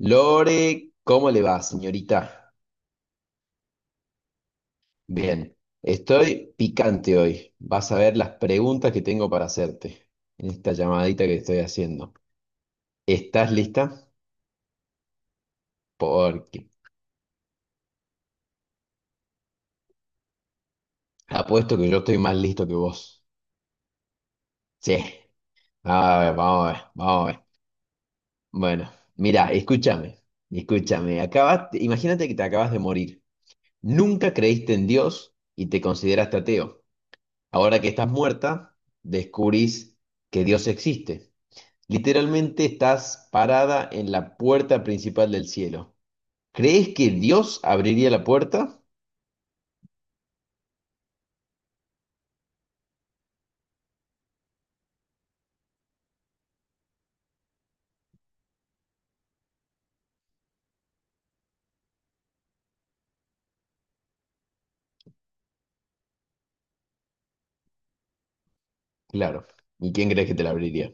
Lore, ¿cómo le va, señorita? Bien, estoy picante hoy. Vas a ver las preguntas que tengo para hacerte en esta llamadita que estoy haciendo. ¿Estás lista? Porque apuesto que yo estoy más listo que vos. Sí, a ver, vamos a ver, vamos a ver. Bueno, mira, escúchame, escúchame. Acabas, imagínate que te acabas de morir. Nunca creíste en Dios y te consideraste ateo. Ahora que estás muerta, descubrís que Dios existe. Literalmente estás parada en la puerta principal del cielo. ¿Crees que Dios abriría la puerta? Claro. ¿Y quién crees que te la abriría?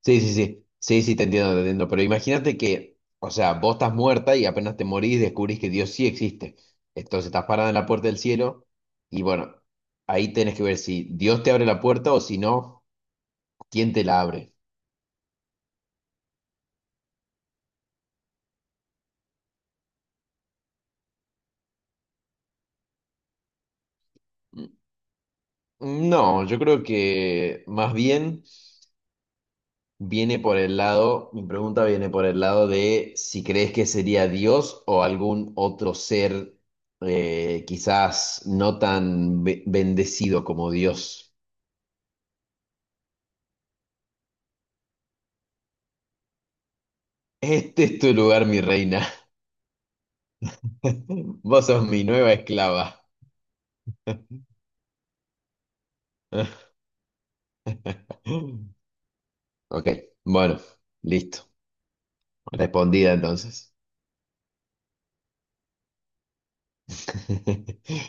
Sí, sí, sí. Sí, sí, te entiendo, te entiendo. Pero imagínate que, o sea, vos estás muerta y apenas te morís descubrís que Dios sí existe. Entonces estás parada en la puerta del cielo y bueno, ahí tenés que ver si Dios te abre la puerta o si no, ¿quién te la abre? Mm, No, yo creo que más bien... Viene por el lado, mi pregunta viene por el lado de si crees que sería Dios o algún otro ser quizás no tan bendecido como Dios. Este es tu lugar, mi reina. Vos sos mi nueva esclava. Ok, bueno, listo. Respondida entonces.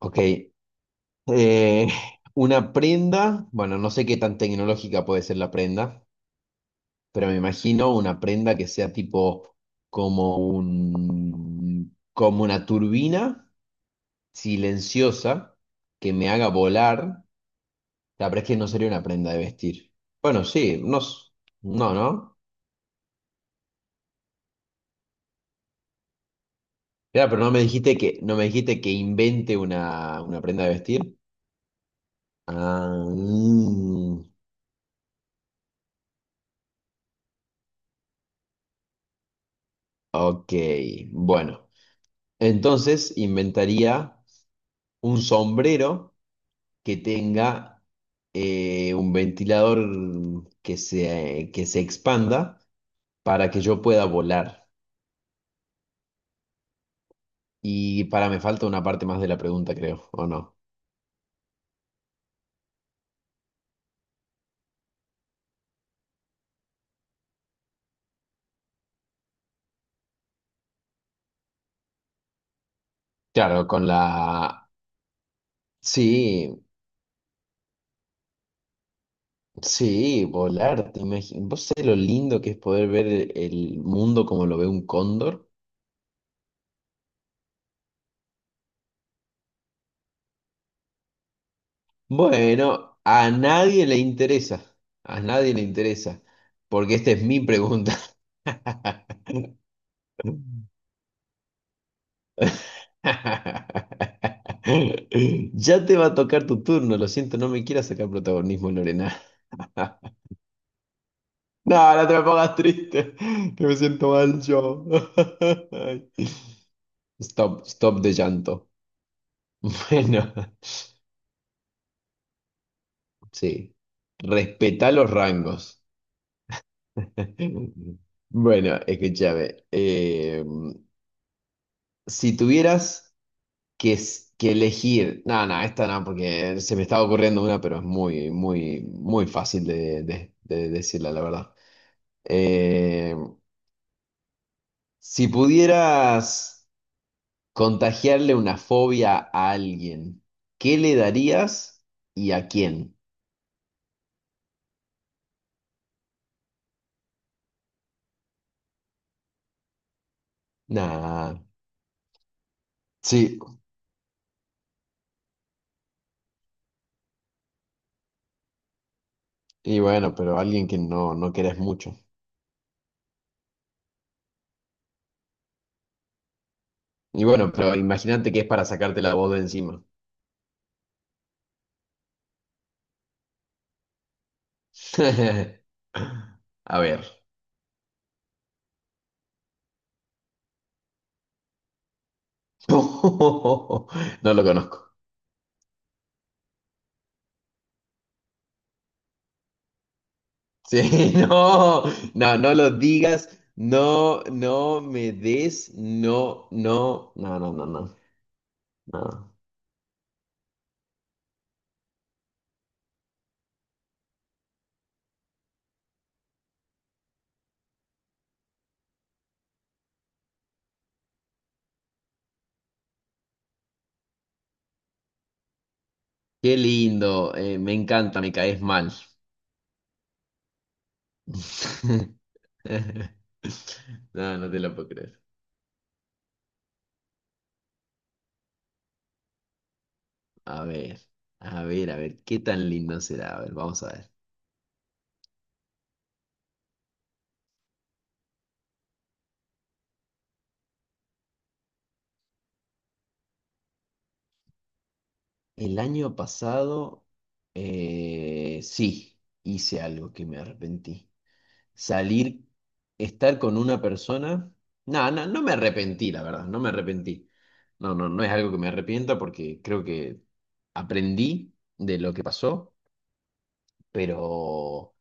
Ok. eh, una prenda, bueno, no sé qué tan tecnológica puede ser la prenda. Pero me imagino una prenda que sea tipo como como una turbina silenciosa que me haga volar. La verdad es que no sería una prenda de vestir. Bueno, sí, no, no, ¿no? Claro, pero no me dijiste que, no me dijiste que invente una prenda de vestir. Ah, mm, ok, bueno. Entonces inventaría un sombrero que tenga un ventilador que se expanda para que yo pueda volar. Y para me falta una parte más de la pregunta, creo, ¿o no? Claro, con la... Sí, sí, volar. ¿Vos sabés lo lindo que es poder ver el mundo como lo ve un cóndor? Bueno, a nadie le interesa. A nadie le interesa. Porque esta es mi pregunta. Ya te va a tocar tu turno, lo siento, no me quieras sacar protagonismo, Lorena. No, no te me pongas triste, que me siento mal yo. Ay. Stop, stop de llanto. Bueno, sí. Respeta los rangos. Bueno, escúchame. Si tuvieras que, que elegir. No, no, esta no, porque se me estaba ocurriendo una, pero es muy, muy, muy fácil de, de decirla, la verdad. Eh, si pudieras contagiarle una fobia a alguien, ¿qué le darías y a quién? Nah, sí, y bueno, pero alguien que no, no querés mucho. Y bueno, pero imagínate que es para sacarte la voz de encima. A ver. No lo conozco. Sí, no, no, no lo digas, no, no me des, no, no, no, no, no, no, no. Qué lindo, me encanta, me caes mal. No, no te lo puedo creer. A ver, a ver, a ver, qué tan lindo será. A ver, vamos a ver. El año pasado, sí, hice algo que me arrepentí. Salir, estar con una persona. No, no, no me arrepentí, la verdad, no me arrepentí. No, no, no es algo que me arrepienta porque creo que aprendí de lo que pasó, pero,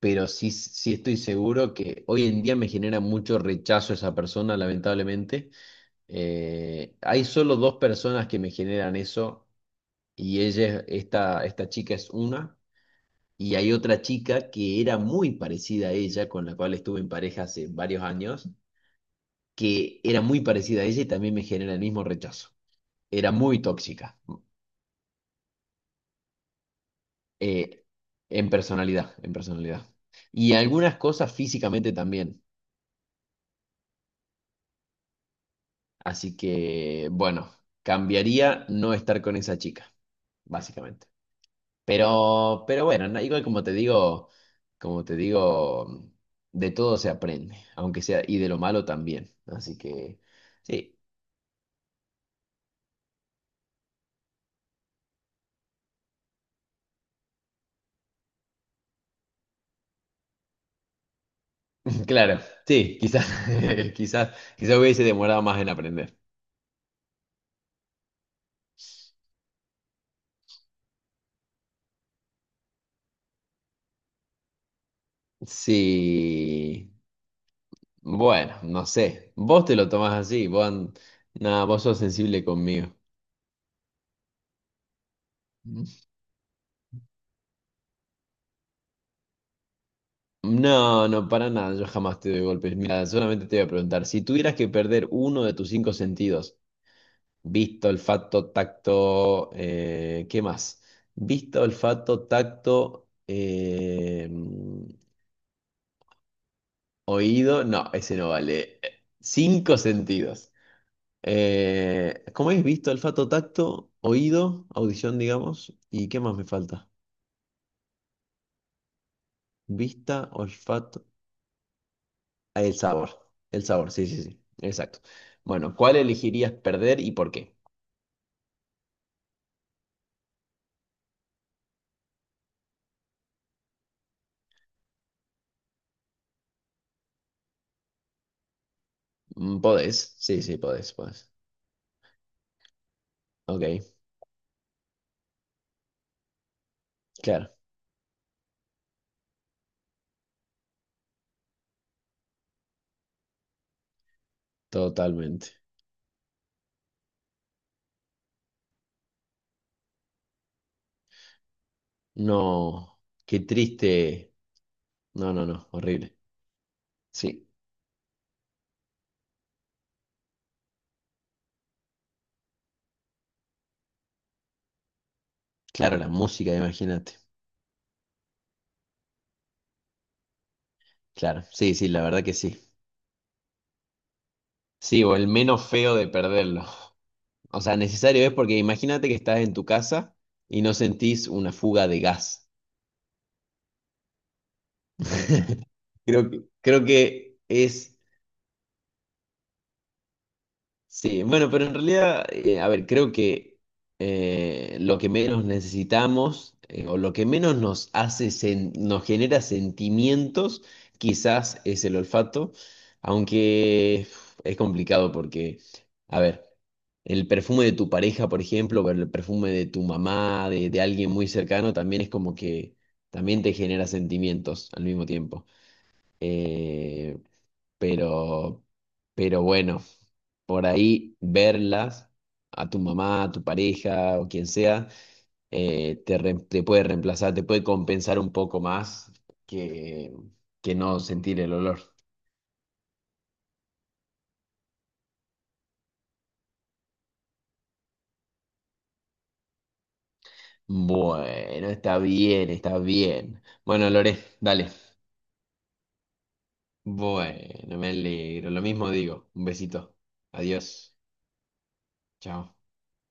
pero sí, sí estoy seguro que hoy en día me genera mucho rechazo esa persona, lamentablemente. Hay solo dos personas que me generan eso y ella, esta, esta chica es una. Y hay otra chica que era muy parecida a ella, con la cual estuve en pareja hace varios años, que era muy parecida a ella y también me genera el mismo rechazo. Era muy tóxica, eh, en personalidad, en personalidad. Y algunas cosas físicamente también. Así que, bueno, cambiaría no estar con esa chica, básicamente. Pero bueno, no, igual como te digo, de todo se aprende, aunque sea, y de lo malo también. Así que, sí, claro, sí, quizás, quizás, quizás hubiese demorado más en aprender. Sí, bueno, no sé. Vos te lo tomás así, vos, nada, vos sos sensible conmigo. No, no, para nada, yo jamás te doy golpes. Mira, solamente te voy a preguntar, si tuvieras que perder uno de tus cinco sentidos, visto, olfato, tacto, ¿qué más? Visto, olfato, tacto, oído, no, ese no vale. Cinco sentidos. ¿Cómo es? Visto, olfato, tacto, oído, audición, digamos. ¿Y qué más me falta? Vista, olfato. Ah, el sabor. El sabor, sí, sí, sí. Exacto. Bueno, ¿cuál elegirías perder y por qué? Podés. Sí, sí, podés, podés. Ok, claro, totalmente. No, qué triste. No, no, no, horrible. Sí, claro, la música, imagínate. Claro, sí, sí, la verdad que sí. Sí, o el menos feo de perderlo. O sea, necesario es porque imagínate que estás en tu casa y no sentís una fuga de gas. Creo que es, sí, bueno, pero en realidad, a ver, creo que lo que menos necesitamos o lo que menos nos hace, nos genera sentimientos, quizás es el olfato, aunque uf, es complicado porque, a ver. El perfume de tu pareja, por ejemplo, o el perfume de tu mamá, de alguien muy cercano, también es como que también te genera sentimientos al mismo tiempo. Eh, pero, pero bueno, por ahí verlas a tu mamá, a tu pareja o quien sea, te, te puede reemplazar, te puede compensar un poco más que, que no sentir el olor. Bueno, está bien, está bien. Bueno, Lore, dale. Bueno, me alegro. Lo mismo digo. Un besito. Adiós. Chao.